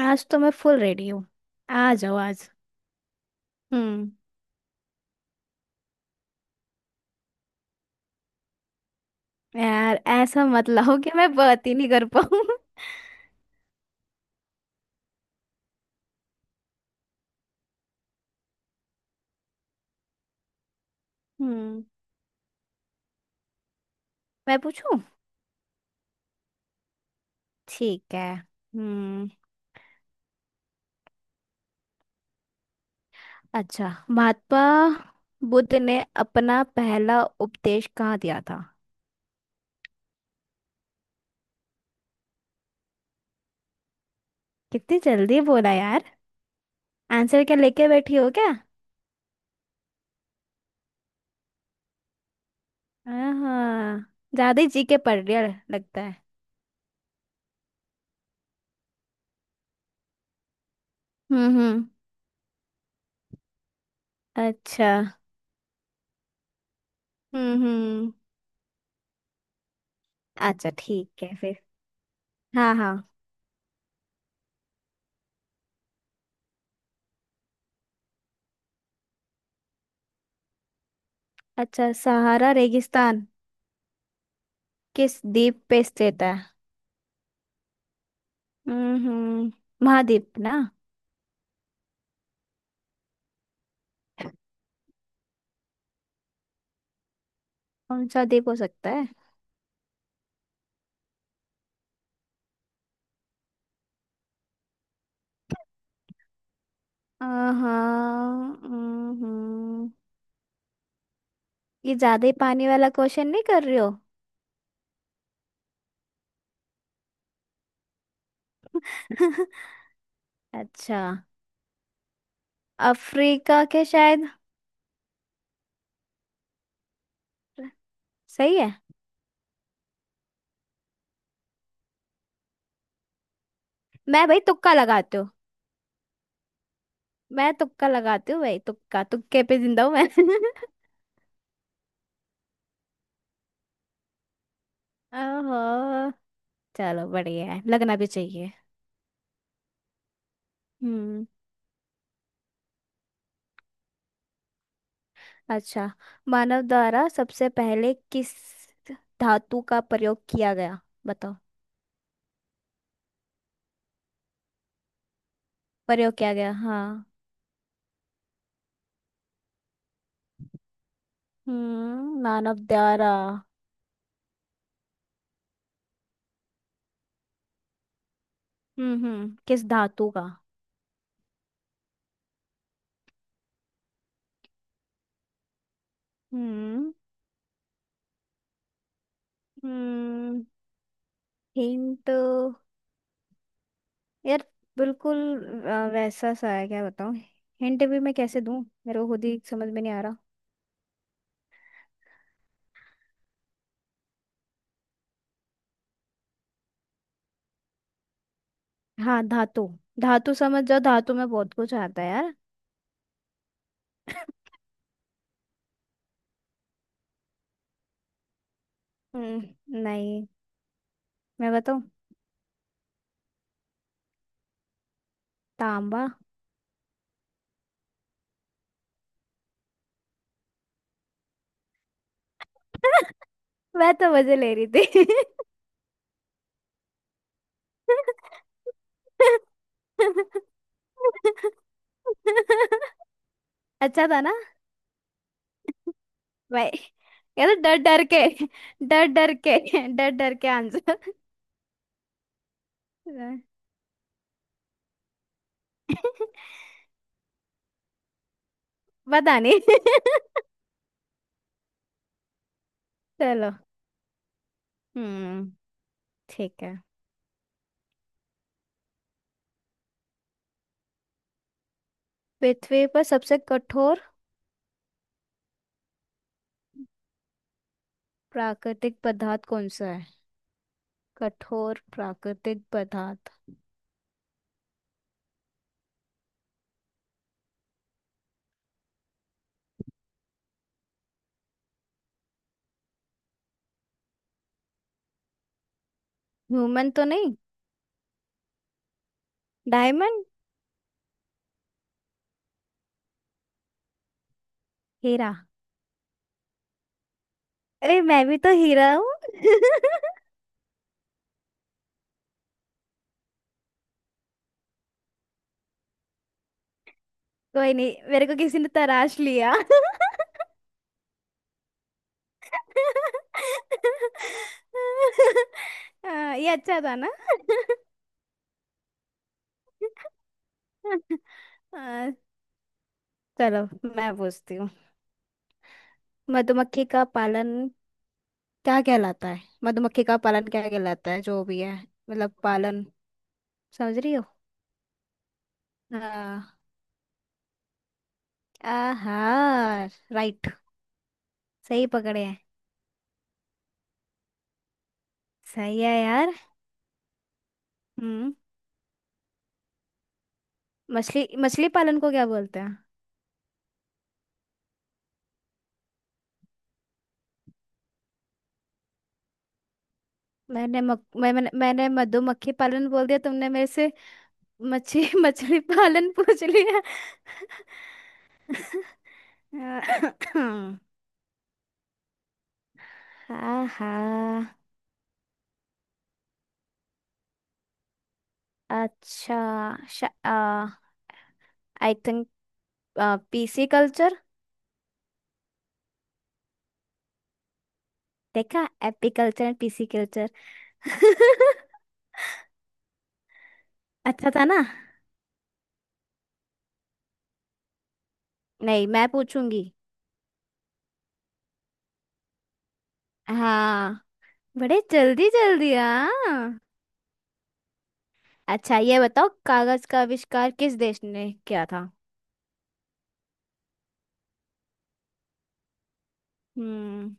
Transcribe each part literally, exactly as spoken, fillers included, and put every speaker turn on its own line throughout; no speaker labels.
आज तो मैं फुल रेडी हूँ। आ जाओ आज। हम्म। यार ऐसा मत लाओ कि मैं बात ही नहीं कर पाऊँ। हम्म। मैं पूछूं? ठीक है। हम्म। अच्छा, महात्मा बुद्ध ने अपना पहला उपदेश कहाँ दिया था? कितनी जल्दी बोला यार। आंसर क्या लेके बैठी हो क्या? हाँ। ज्यादा ही जी के पढ़ रही हो लगता है। हम्म हम्म। अच्छा। हम्म हम्म। अच्छा ठीक है फिर। हाँ हाँ। अच्छा सहारा रेगिस्तान किस द्वीप पे स्थित है? हम्म। महाद्वीप ना। कौन सा द्वीप हो सकता है? हाँ। हम्म। ये ज्यादा ही पानी वाला क्वेश्चन नहीं कर रही हो? अच्छा। अफ्रीका के शायद। सही है। मैं भाई तुक्का लगाती हूँ। मैं तुक्का लगाती हूँ भाई। तुक्का तुक्के पे जिंदा हूँ मैं। ओहो। चलो बढ़िया है। लगना भी चाहिए। हम्म। अच्छा, मानव द्वारा सबसे पहले किस धातु का प्रयोग किया गया। बताओ। प्रयोग किया गया, हाँ। हम्म मानव द्वारा। हम्म हम्म, किस धातु का। हम्म हम्म। हिंट? यार बिल्कुल। अ, वैसा सा है, क्या बताऊं। हिंट भी मैं कैसे दूं। मेरे को खुद ही समझ में नहीं आ रहा। हाँ धातु। धातु समझ जाओ। धातु में बहुत कुछ आता है यार। हम्म नहीं। मैं बताऊं? तांबा। मैं तो मजे ले रही थी। अच्छा था ना। भाई, ये तो डर डर के, डर डर के, डर डर के आंसर। पता नहीं। चलो। हम्म। ठीक है। पृथ्वी पर सबसे कठोर प्राकृतिक पदार्थ कौन सा है? कठोर प्राकृतिक पदार्थ। ह्यूमन तो नहीं। डायमंड। हीरा। अरे, मैं भी तो हीरा हूँ। कोई नहीं, मेरे को किसी ने तराश लिया। हाँ, ये अच्छा था ना। हाँ, चलो मैं पूछती हूँ। मधुमक्खी का पालन क्या कहलाता है? मधुमक्खी का पालन क्या कहलाता है, जो भी है। मतलब पालन। समझ रही हो? हाँ। आहार। राइट। सही पकड़े हैं। सही है यार। हम्म। मछली, मछली पालन को क्या बोलते हैं? मैंने मक, मैं, मैंने मैंने मधुमक्खी पालन बोल दिया, तुमने मेरे से मछली मछली पालन पूछ लिया। अ- हाँ हाँ। अच्छा। I think PC culture. देखा, AP culture and PC culture. अच्छा था ना। नहीं, मैं पूछूंगी। हाँ। बड़े जल्दी जल्दी, हाँ। अच्छा ये बताओ, कागज का आविष्कार किस देश ने किया था? हम्म।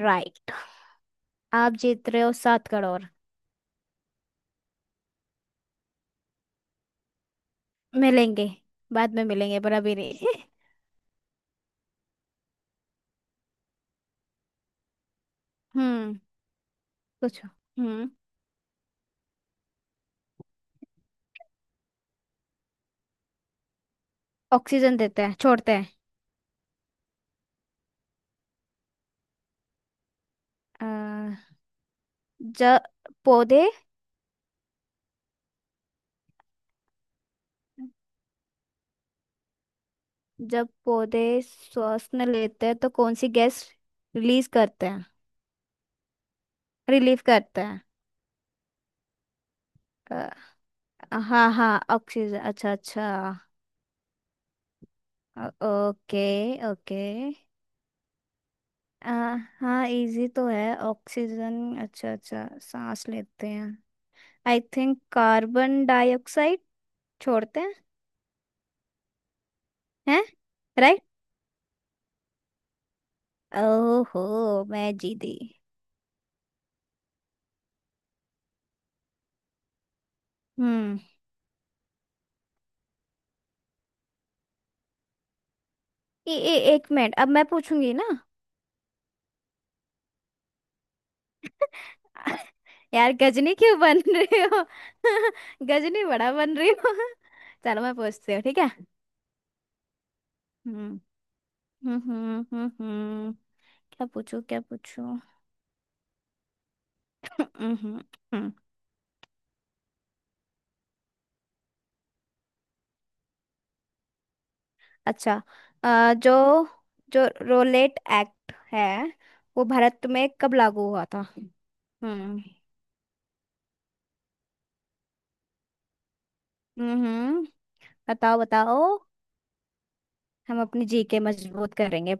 राइट। आप जीत रहे हो सात करोड़। मिलेंगे। बाद में मिलेंगे पर अभी नहीं। हम्म। पूछो। हम्म। ऑक्सीजन देते हैं, छोड़ते हैं। अ, जब पौधे जब पौधे श्वास न लेते हैं तो कौन सी गैस रिलीज करते हैं? रिलीव करते हैं। अ, हाँ हाँ, ऑक्सीजन। अच्छा अच्छा। अ, ओके। ओके। अ, हाँ, इजी तो है। ऑक्सीजन, अच्छा अच्छा, सांस लेते हैं। आई थिंक कार्बन डाइऑक्साइड छोड़ते हैं। हैं। राइट। ओहो, मैं जीती। हम्म। ए, ए, एक मिनट, अब मैं पूछूंगी ना। यार, गजनी क्यों बन रही हो। गजनी बड़ा बन रही हो। चलो मैं पूछती हूँ। ठीक है। हम्म। हम्म हम्म हम्म हम्म, क्या पूछूं, क्या पूछूं। हम्म हम्म। हम्म। अच्छा। अ, जो जो रोलेट एक्ट है वो भारत में कब लागू हुआ था? हम्म हम्म। बताओ बताओ। हम अपनी जी के मजबूत करेंगे।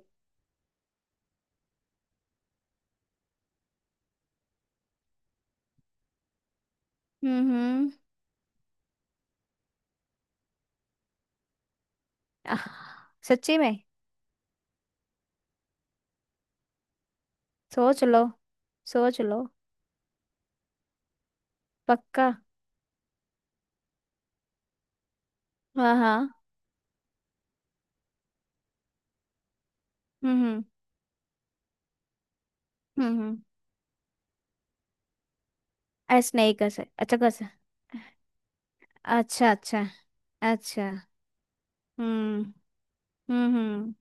हम्म। आह, सच्ची में? सोच लो। सोच लो। पक्का। हाँ हाँ। हम्म हम्म। हम्म हम्म। ऐसे नहीं कर सकते? अच्छा, कर सकते। अच्छा अच्छा। अच्छा। हम्म हम्म हम्म।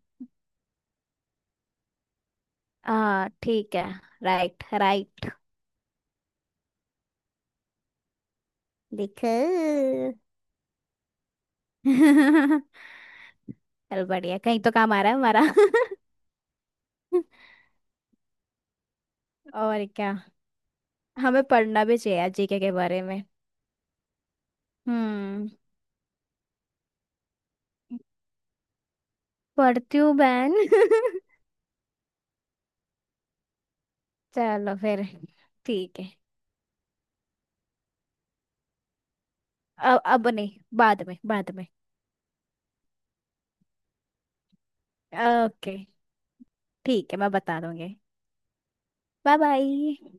हाँ ठीक है। Right right. देखो। चल बढ़िया, कहीं तो काम आ रहा है हमारा। और क्या। हमें पढ़ना भी चाहिए जीके के बारे में। हम्म। पढ़ती हूँ बहन। चलो फिर। ठीक है। अब अब नहीं। बाद में, बाद में। ओके। ठीक है, मैं बता दूंगी। Bye bye.